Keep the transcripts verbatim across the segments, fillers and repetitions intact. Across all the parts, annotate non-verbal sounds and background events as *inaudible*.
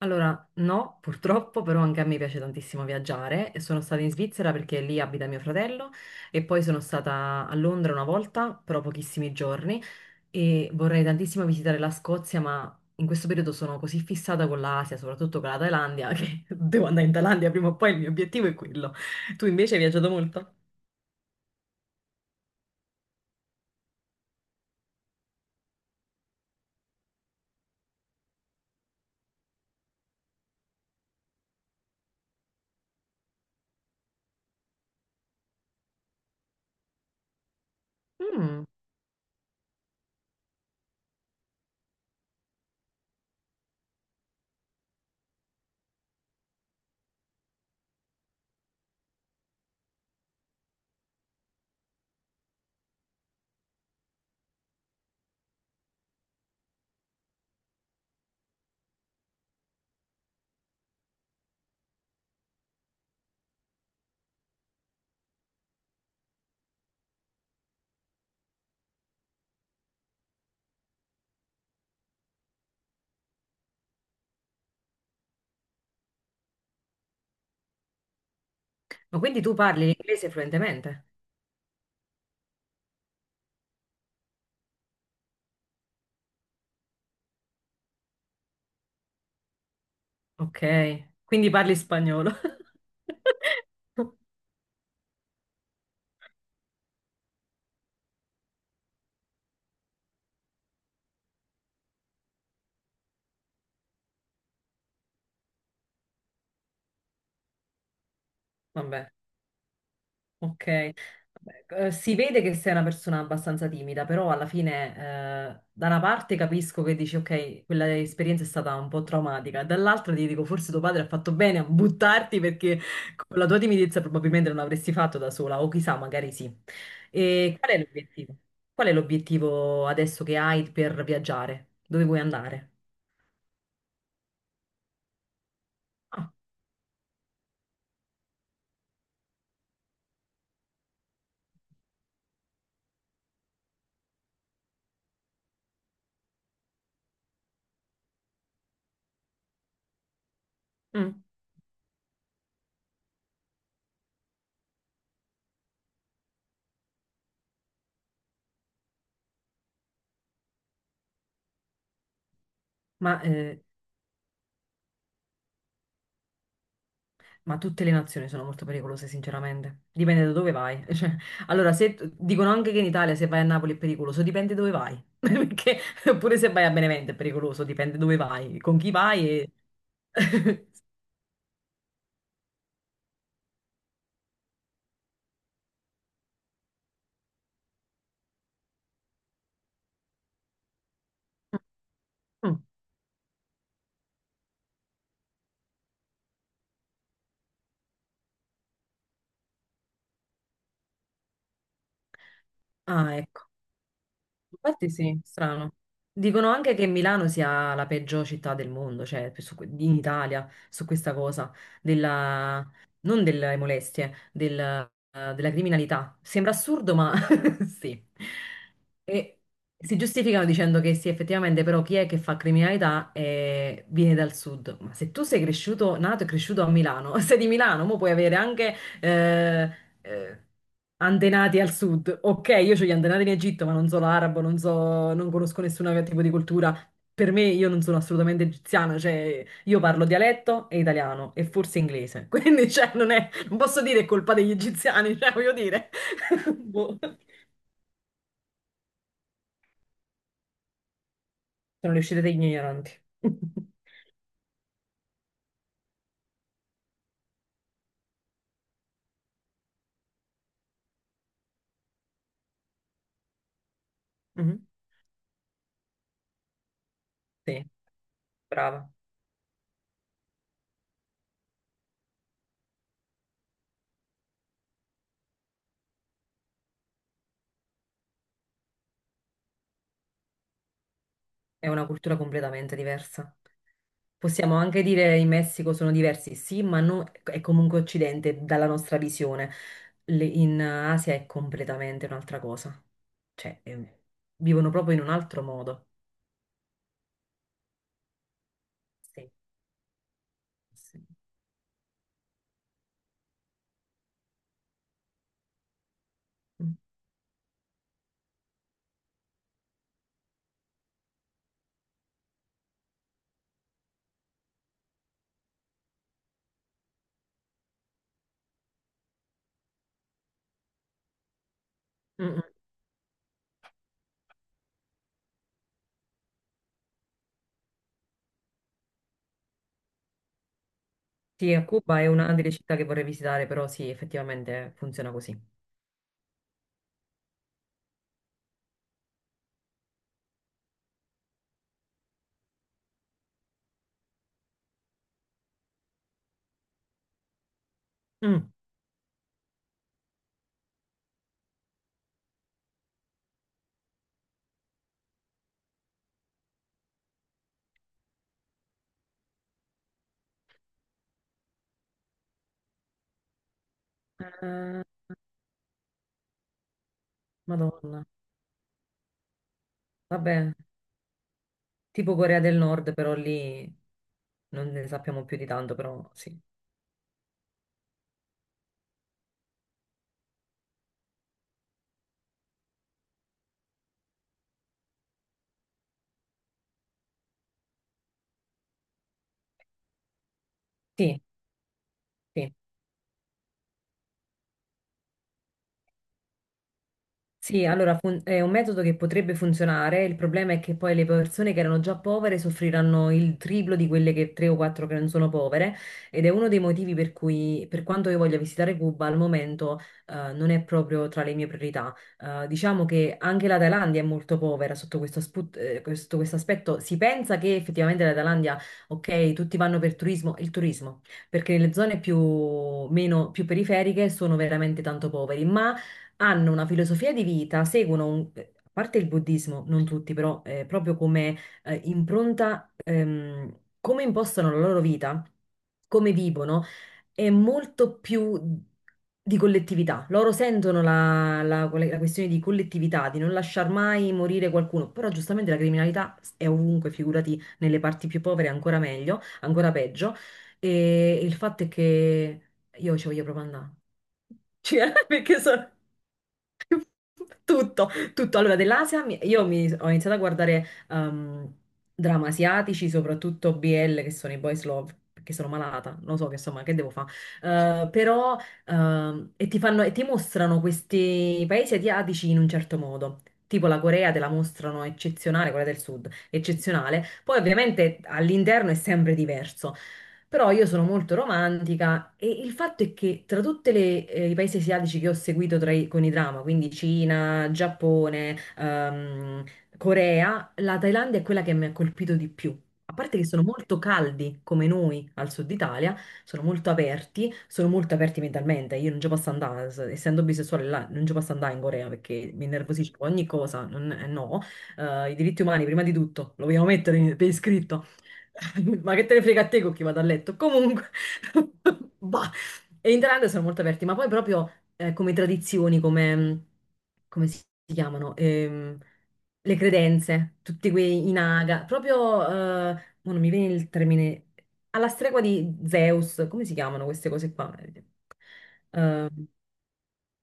Allora, no, purtroppo, però anche a me piace tantissimo viaggiare e sono stata in Svizzera perché lì abita mio fratello e poi sono stata a Londra una volta, però pochissimi giorni e vorrei tantissimo visitare la Scozia, ma in questo periodo sono così fissata con l'Asia, soprattutto con la Thailandia, *laughs* che devo andare in Thailandia prima o poi, il mio obiettivo è quello. Tu invece hai viaggiato molto? Mm. Ma quindi tu parli l'inglese fluentemente? Ok, quindi parli spagnolo. *laughs* Vabbè. Ok. Eh, si vede che sei una persona abbastanza timida, però alla fine, eh, da una parte capisco che dici, ok, quella esperienza è stata un po' traumatica, dall'altra ti dico, forse tuo padre ha fatto bene a buttarti perché con la tua timidezza probabilmente non avresti fatto da sola, o chissà, magari sì. E qual è l'obiettivo? Qual è l'obiettivo adesso che hai per viaggiare? Dove vuoi andare? Ah, mm. Ma eh, Ma tutte le nazioni sono molto pericolose, sinceramente. Dipende da dove vai. *laughs* Cioè, allora, se dicono anche che in Italia se vai a Napoli è pericoloso, dipende dove vai. *laughs* Perché pure se vai a Benevento è pericoloso, dipende dove vai, con chi vai e... *laughs* Ah, ecco. Infatti sì, strano. Dicono anche che Milano sia la peggior città del mondo, cioè su que- in Italia, su questa cosa, della, non delle molestie, del- eh, della criminalità. Sembra assurdo, ma *laughs* sì. E si giustificano dicendo che sì, effettivamente, però chi è che fa criminalità eh, viene dal sud. Ma se tu sei cresciuto, nato e cresciuto a Milano, *laughs* sei di Milano, mo puoi avere anche eh, eh, antenati al sud. Ok, io ho gli antenati in Egitto, ma non so l'arabo, non so, non conosco nessun tipo di cultura. Per me io non sono assolutamente egiziana, cioè io parlo dialetto e italiano e forse inglese. *laughs* Quindi cioè, non è, non posso dire è colpa degli egiziani, cioè voglio dire. *laughs* Boh. Sono le uscite degli ignoranti. *laughs* Mhm. Sì, brava. È una cultura completamente diversa. Possiamo anche dire in Messico sono diversi, sì, ma no- è comunque occidente dalla nostra visione. Le- in Asia è completamente un'altra cosa. Cioè, eh, vivono proprio in un altro modo. Sì, sì. Mm, mm. Mm. Sì, a Cuba è una delle città che vorrei visitare, però sì, effettivamente funziona così. Mm. Eh, Madonna. Vabbè, tipo Corea del Nord, però lì non ne sappiamo più di tanto, però sì. Sì, sì. Sì, allora fun- è un metodo che potrebbe funzionare, il problema è che poi le persone che erano già povere soffriranno il triplo di quelle che tre o quattro che non sono povere ed è uno dei motivi per cui, per quanto io voglia visitare Cuba, al momento eh, non è proprio tra le mie priorità. Eh, diciamo che anche la Thailandia è molto povera sotto questo, aspu- eh, questo- questo aspetto. Si pensa che effettivamente la Thailandia, ok, tutti vanno per turismo, il turismo, perché nelle zone più, meno, più periferiche sono veramente tanto poveri, ma hanno una filosofia di vita, seguono, un- eh, a parte il buddismo, non tutti, però eh, proprio come eh, impronta, ehm, come impostano la loro vita, come vivono, è molto più di collettività. Loro sentono la, la- la questione di collettività, di non lasciar mai morire qualcuno, però giustamente la criminalità è ovunque, figurati nelle parti più povere ancora meglio, ancora peggio. E il fatto è che io ci voglio proprio andare. *laughs* Cioè, perché sono... *laughs* Tutto, tutto. Allora, dell'Asia mi- io mi- ho iniziato a guardare ehm, drammi asiatici, soprattutto B L, che sono i boys love, perché sono malata, non so che insomma, che devo fare. Però, ehm, e ti fanno, e ti mostrano questi paesi asiatici in un certo modo. Tipo la Corea te la mostrano eccezionale, quella del sud, eccezionale. Poi ovviamente all'interno è sempre diverso. Però io sono molto romantica e il fatto è che tra tutti i paesi asiatici che ho seguito tra i- con i drama, quindi Cina, Giappone, ehm, Corea, la Thailandia è quella che mi ha colpito di più. A parte che sono molto caldi come noi al sud Italia, sono molto aperti, sono molto aperti mentalmente. Io non ci posso andare, s- essendo bisessuale là, non ci posso andare in Corea perché mi innervosisco ogni cosa, non- eh, no. Eh, i diritti umani prima di tutto, lo vogliamo mettere in- per iscritto. *laughs* Ma che te ne frega a te con chi vado a letto? Comunque, *laughs* bah. E in Thailandia sono molto aperti, ma poi proprio eh, come tradizioni, come, come si chiamano? Ehm, le credenze, tutti quei i naga, proprio, eh, mo non mi viene il termine, alla stregua di Zeus, come si chiamano queste cose qua? Eh,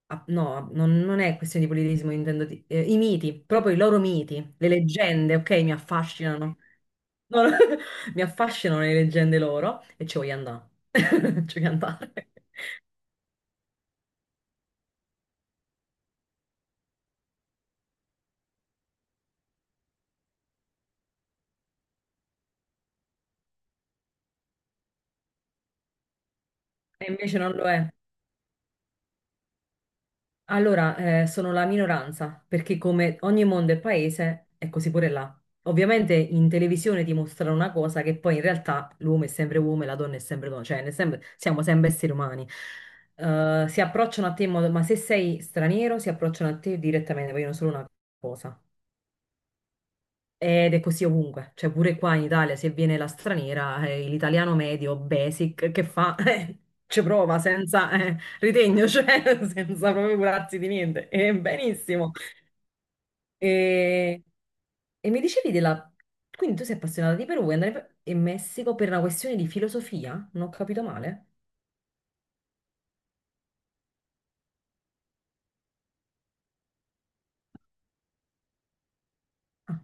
Ah, no, ah, non, non è questione di politismo, intendo di- eh, i miti, proprio i loro miti, le leggende, ok, mi affascinano. No, no, *laughs* mi affascinano le leggende loro e ci voglio andare. *laughs* Ci voglio andare. E invece non lo è. Allora, eh, sono la minoranza, perché come ogni mondo e paese è così pure là. Ovviamente in televisione ti mostrano una cosa che poi in realtà l'uomo è sempre uomo e la donna è sempre donna, cioè nel sem- siamo sempre esseri umani. Eh, si approcciano a te in modo, ma se sei straniero si approcciano a te direttamente, vogliono solo una cosa. Ed è così ovunque, cioè pure qua in Italia se viene la straniera, eh, l'italiano medio, basic, che fa? *laughs* Eh, ci prova senza eh, ritegno, cioè *laughs* senza proprio curarsi di niente. Eh, benissimo. E, e mi dicevi della... Quindi tu sei appassionata di Perù, vuoi andare in Pe- in Messico per una questione di filosofia? Non ho capito male? Ah,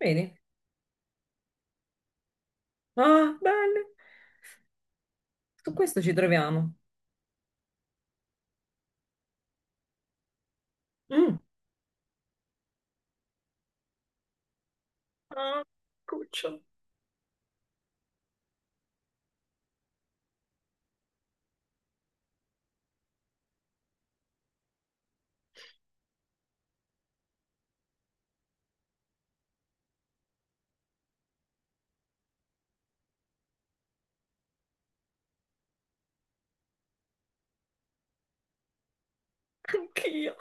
vedi? Ah, bene. Su questo ci troviamo. Mm. Ah, cuccio, anch'io.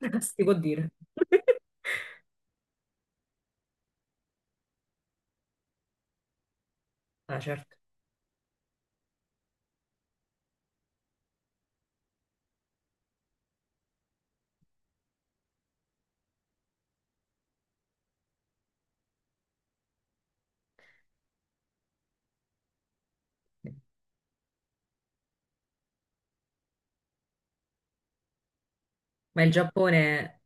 *laughs* Che si può dire? Ah, certo. Ma il Giappone,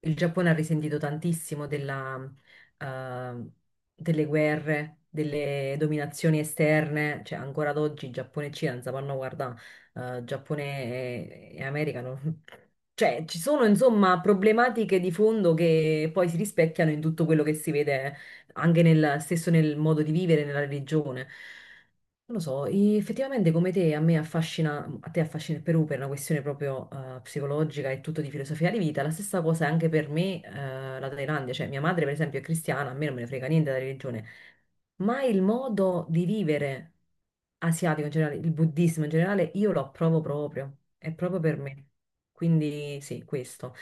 il Giappone ha risentito tantissimo della, eh, delle guerre, delle dominazioni esterne, cioè ancora ad oggi Giappone e Cina non si fanno guardare, eh, Giappone e, e America non- *laughs* Cioè, ci sono insomma problematiche di fondo che poi si rispecchiano in tutto quello che si vede anche nel, stesso nel modo di vivere, nella religione. Non lo so, i- effettivamente come te, a me affascina, a te affascina il Perù per una questione proprio eh, psicologica e tutto di filosofia di vita, la stessa cosa è anche per me eh, la Thailandia, cioè mia madre per esempio è cristiana, a me non me ne frega niente della religione, ma il modo di vivere asiatico in generale, il buddismo in generale, io lo approvo proprio, è proprio per me. Quindi sì, questo.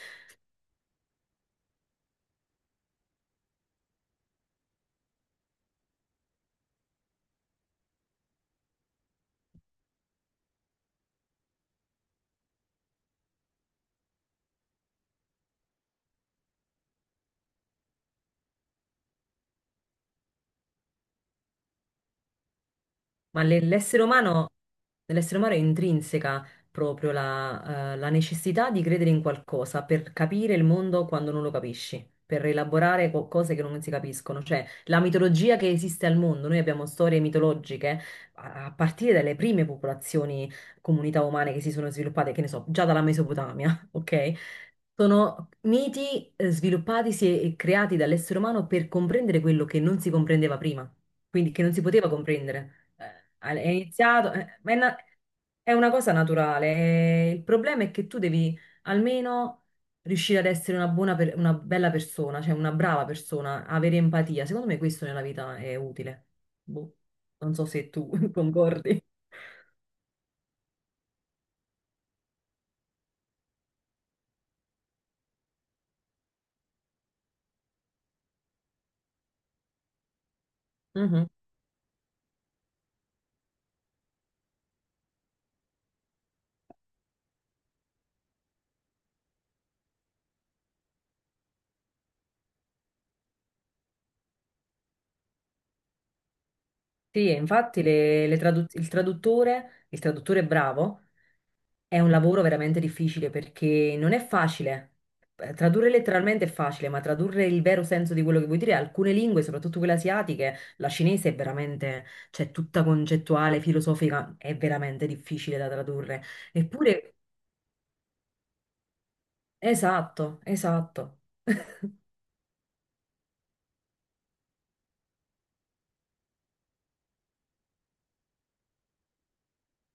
Ma le- l'essere umano, nell'essere umano è intrinseca proprio la, eh, la necessità di credere in qualcosa per capire il mondo quando non lo capisci, per elaborare co- cose che non si capiscono. Cioè, la mitologia che esiste al mondo, noi abbiamo storie mitologiche a, a partire dalle prime popolazioni, comunità umane che si sono sviluppate, che ne so, già dalla Mesopotamia, *laughs* ok? Sono miti eh, sviluppatisi e creati dall'essere umano per comprendere quello che non si comprendeva prima, quindi che non si poteva comprendere. È iniziato, eh, ma è, na- è una cosa naturale. eh, Il problema è che tu devi almeno riuscire ad essere una buona, per- una bella persona, cioè una brava persona, avere empatia. Secondo me questo nella vita è utile. Boh, non so se tu *laughs* concordi. Mhm. Sì, e infatti le- le tradu- il traduttore, il traduttore bravo è un lavoro veramente difficile perché non è facile. Eh, Tradurre letteralmente è facile, ma tradurre il vero senso di quello che vuoi dire, alcune lingue, soprattutto quelle asiatiche, la cinese è veramente, cioè tutta concettuale, filosofica, è veramente difficile da tradurre. Eppure, esatto, esatto.